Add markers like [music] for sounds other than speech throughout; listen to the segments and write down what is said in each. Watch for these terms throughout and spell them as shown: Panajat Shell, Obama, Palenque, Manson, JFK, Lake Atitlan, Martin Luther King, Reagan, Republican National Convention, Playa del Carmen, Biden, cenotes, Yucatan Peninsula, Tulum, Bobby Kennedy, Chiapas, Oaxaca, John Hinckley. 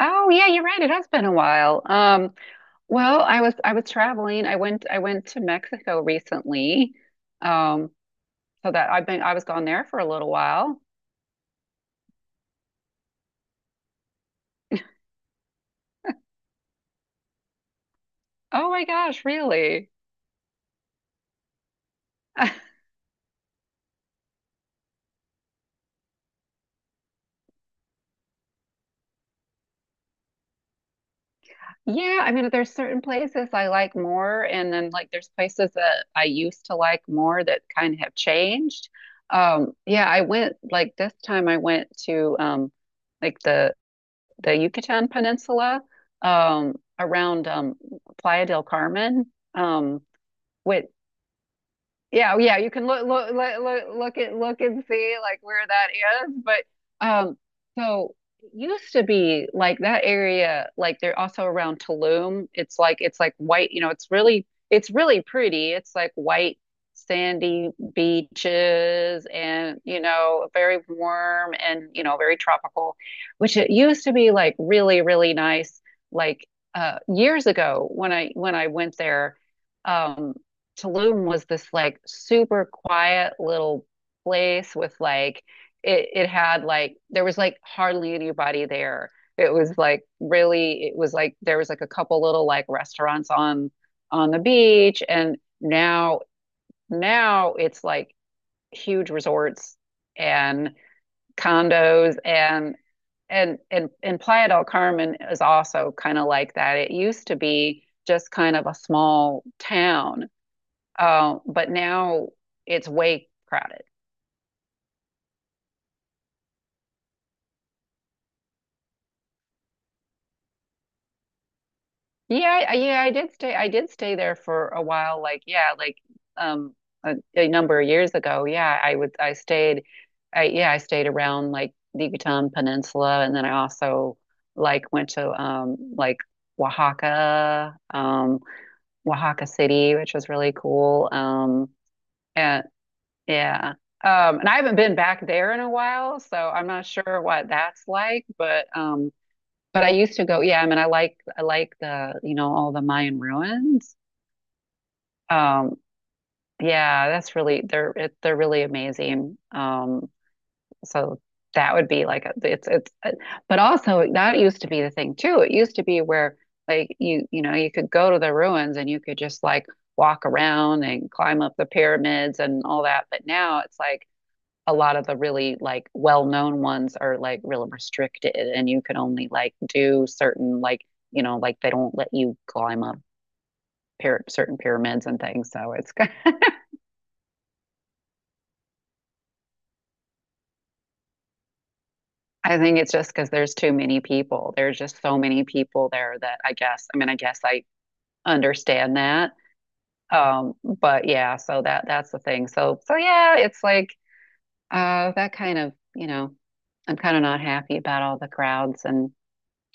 Oh yeah, you're right. It has been a while. Well, I was traveling. I went to Mexico recently. Um, so that I was gone there for a little while. Oh my gosh, really? [laughs] Yeah, I mean there's certain places I like more and then like there's places that I used to like more that kind of have changed. Yeah, I went like this time I went to like the Yucatan Peninsula around Playa del Carmen, um, which yeah, yeah, you can look and see like where that is. But um so it used to be like that area, like they're also around Tulum. It's like white, you know, it's really pretty. It's like white sandy beaches and you know, very warm and you know, very tropical, which it used to be like really, really nice like years ago when I went there. Um Tulum was this like super quiet little place with like it had like there was like hardly anybody there. It was like really it was like there was like a couple little like restaurants on the beach and now now it's like huge resorts and condos and and Playa del Carmen is also kind of like that. It used to be just kind of a small town but now it's way crowded. Yeah, I did stay. I did stay there for a while. Like, yeah, like um, a number of years ago. Yeah, I would. I stayed. I yeah, I stayed around like the Yucatan Peninsula, and then I also like went to like Oaxaca, Oaxaca City, which was really cool. And yeah. And I haven't been back there in a while, so I'm not sure what that's like, but I used to go, yeah, I mean, I like the, you know, all the Mayan ruins. Um, yeah, that's really they're really amazing. So that would be like it's but also that used to be the thing too. It used to be where like you know, you could go to the ruins and you could just like walk around and climb up the pyramids and all that. But now it's like a lot of the really like well-known ones are like really restricted and you can only like do certain like you know like they don't let you climb up certain pyramids and things so it's [laughs] I think it's just because there's too many people there's just so many people there that I guess I mean I guess I understand that but yeah so that that's the thing so yeah it's like that kind of you know I'm kind of not happy about all the crowds and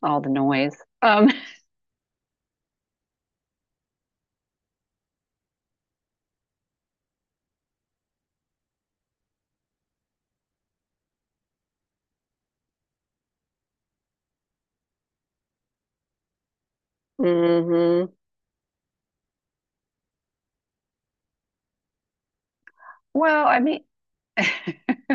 all the noise um [laughs] mhm Well, I mean, [laughs]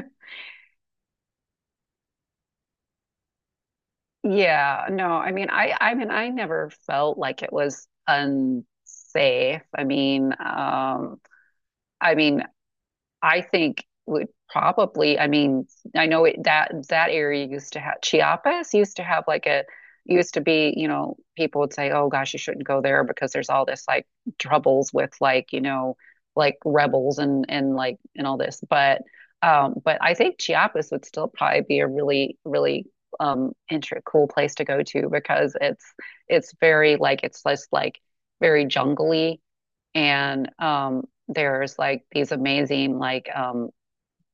yeah, no, I mean, I mean, I never felt like it was unsafe. I mean, I mean, I think would probably, I mean, that that area used to have Chiapas used to have like a used to be, you know, people would say, "Oh gosh, you shouldn't go there because there's all this like troubles with like, you know, like rebels and like and all this." But I think Chiapas would still probably be a really really inter cool place to go to because it's very like it's just like very jungly and there's like these amazing like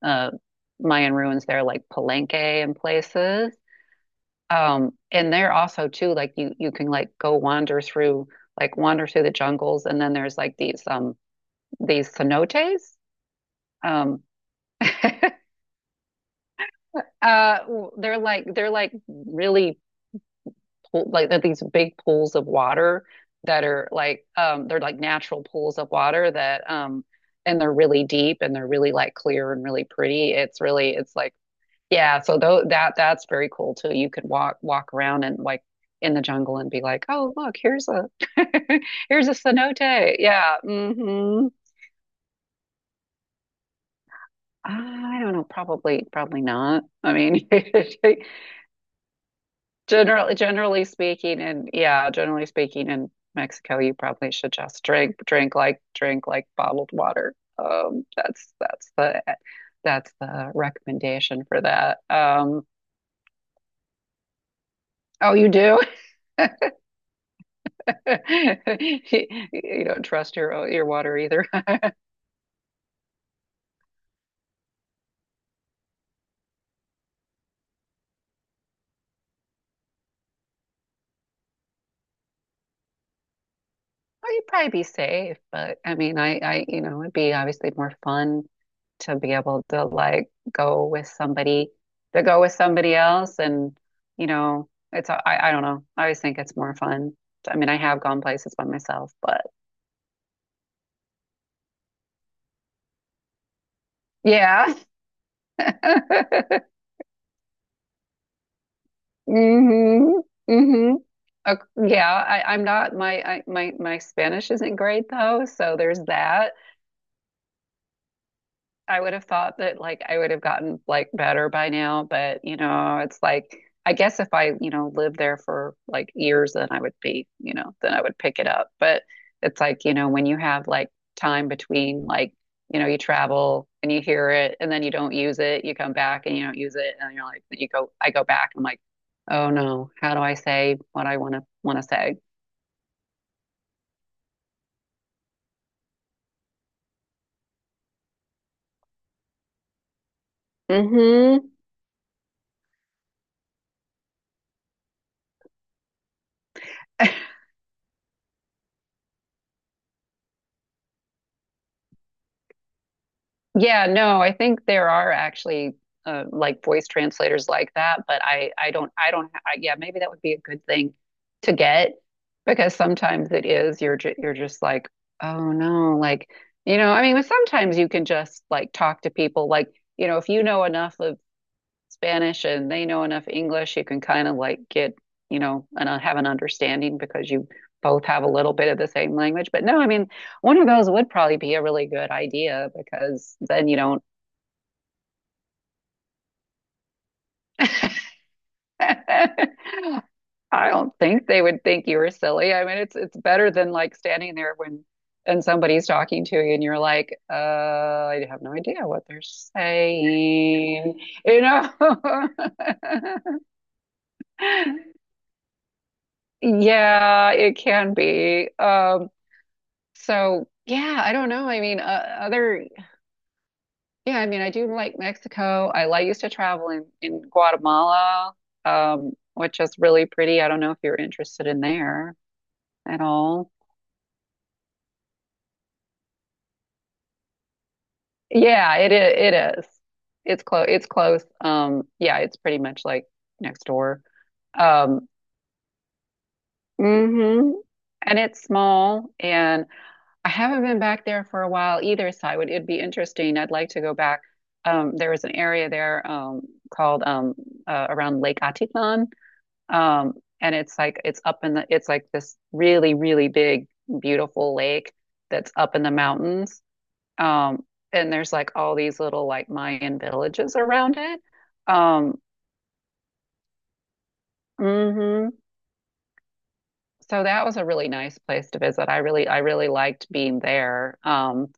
uh Mayan ruins there like Palenque and places. And there also too like you can like go wander through like wander through the jungles and then there's like these cenotes. Um [laughs] uh they're like really pool, like they're these big pools of water that are like they're like natural pools of water that and they're really deep and they're really like clear and really pretty. It's really it's like yeah, so though that that's very cool too. You could walk around and like in the jungle and be like, "Oh, look, here's a [laughs] here's a cenote." Yeah. hmm I don't know, probably probably not. I mean, [laughs] it Generally, generally speaking, and yeah, generally speaking, in Mexico, you probably should just drink, drink like bottled water. That's the recommendation for that. Oh, you do? [laughs] You don't trust your water either. Well, you'd probably be safe, but I mean, you know, it'd be obviously more fun to be able to like go with somebody, to go with somebody else, and you know, it's, I don't know. I always think it's more fun. I mean, I have gone places by myself, but yeah. [laughs] Mm-hmm. Mm-hmm. Uh, yeah, I'm not my I, my Spanish isn't great though, so there's that. I would have thought that like I would have gotten like better by now, but you know, it's like I guess if I, you know, lived there for like years, then I would be, you know, then I would pick it up. But it's like, you know, when you have like time between like, you know, you travel and you hear it and then you don't use it, you come back and you don't use it and you're like you go I go back, and I'm like, oh no, how do I say what I wanna say? Hmm [laughs] Yeah, no, I think there are actually like voice translators like that, but I don't I don't I, yeah, maybe that would be a good thing to get because sometimes it is you're just like, oh no, like you know, I mean, sometimes you can just like talk to people like, you know, if you know enough of Spanish and they know enough English, you can kind of like get, you know, and have an understanding because you both have a little bit of the same language. But no, I mean, one of those would probably be a really good idea because then you don't, [laughs] I don't think they would think you were silly. I mean, it's better than like standing there when and somebody's talking to you and you're like, I have no idea what they're saying, you know. [laughs] Yeah, it can be. So yeah, I don't know. I mean, other yeah, I mean, I do like Mexico. I, like used to travel in Guatemala, which is really pretty. I don't know if you're interested in there at all. It is. It's close. It's close. Yeah, it's pretty much like next door. Um, hmm And it's small, and I haven't been back there for a while either, so I would, it'd be interesting. I'd like to go back. There was an area there called around Lake Atitlan, um, and it's like it's up in the it's like this really really big beautiful lake that's up in the mountains, um, and there's like all these little like Mayan villages around it. Um, mhm. So that was a really nice place to visit. I really liked being there.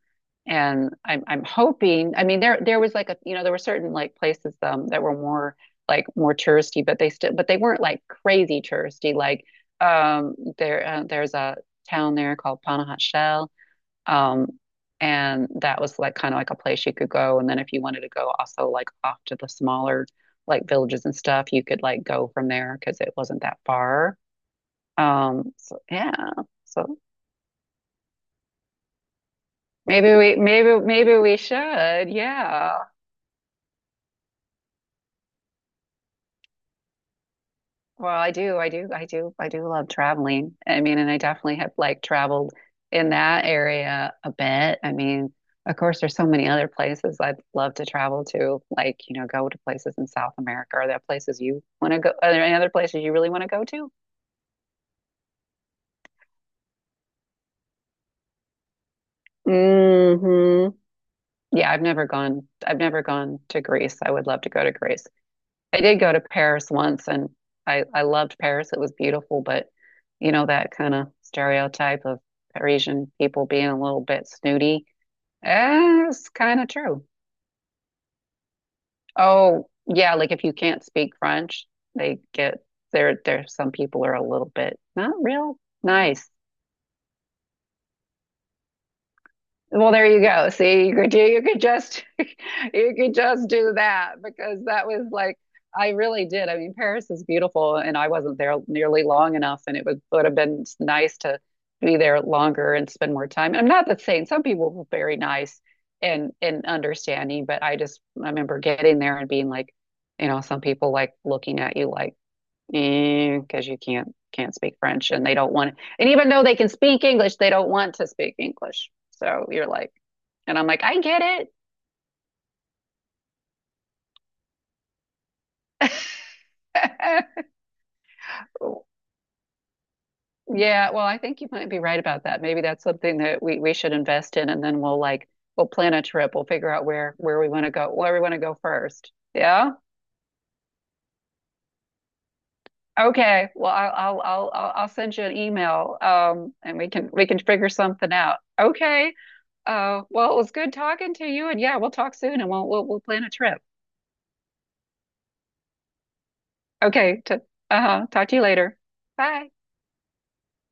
And I'm hoping. I mean, there was like a you know there were certain like places that were more like more touristy, but they still but they weren't like crazy touristy. Like there there's a town there called Panajat Shell, um, and that was like kind of like a place you could go. And then if you wanted to go also like off to the smaller like villages and stuff, you could like go from there because it wasn't that far. So yeah, so maybe we maybe we should, yeah. Well, I do love traveling. I mean, and I definitely have like traveled in that area a bit. I mean, of course, there's so many other places I'd love to travel to, like, you know, go to places in South America. Are there places you want to go? Are there any other places you really want to go to? Hmm Yeah, I've never gone. I've never gone to Greece. I would love to go to Greece. I did go to Paris once and I loved Paris. It was beautiful, but you know, that kind of stereotype of Parisian people being a little bit snooty, it's kind of true. Oh, yeah, like if you can't speak French, they get there some people are a little bit not real nice. Well, there you go. See, you could just [laughs] you could just do that because that was like I really did. I mean, Paris is beautiful, and I wasn't there nearly long enough, and it would have been nice to be there longer and spend more time. I'm not the same. Some people were very nice and understanding, but I remember getting there and being like, you know, some people like looking at you like because you can't speak French and they don't want it. And even though they can speak English, they don't want to speak English. So you're like, and I'm like, I get it. [laughs] Yeah, well, I think you might be right about that. Maybe that's something that we should invest in and then we'll like we'll plan a trip. We'll figure out where we want to go, where we want to go first. Yeah. Okay. Well, I'll send you an email and we can figure something out. Okay. Well, it was good talking to you, and yeah, we'll talk soon, and we'll plan a trip. Okay, t uh-huh. Talk to you later. Bye.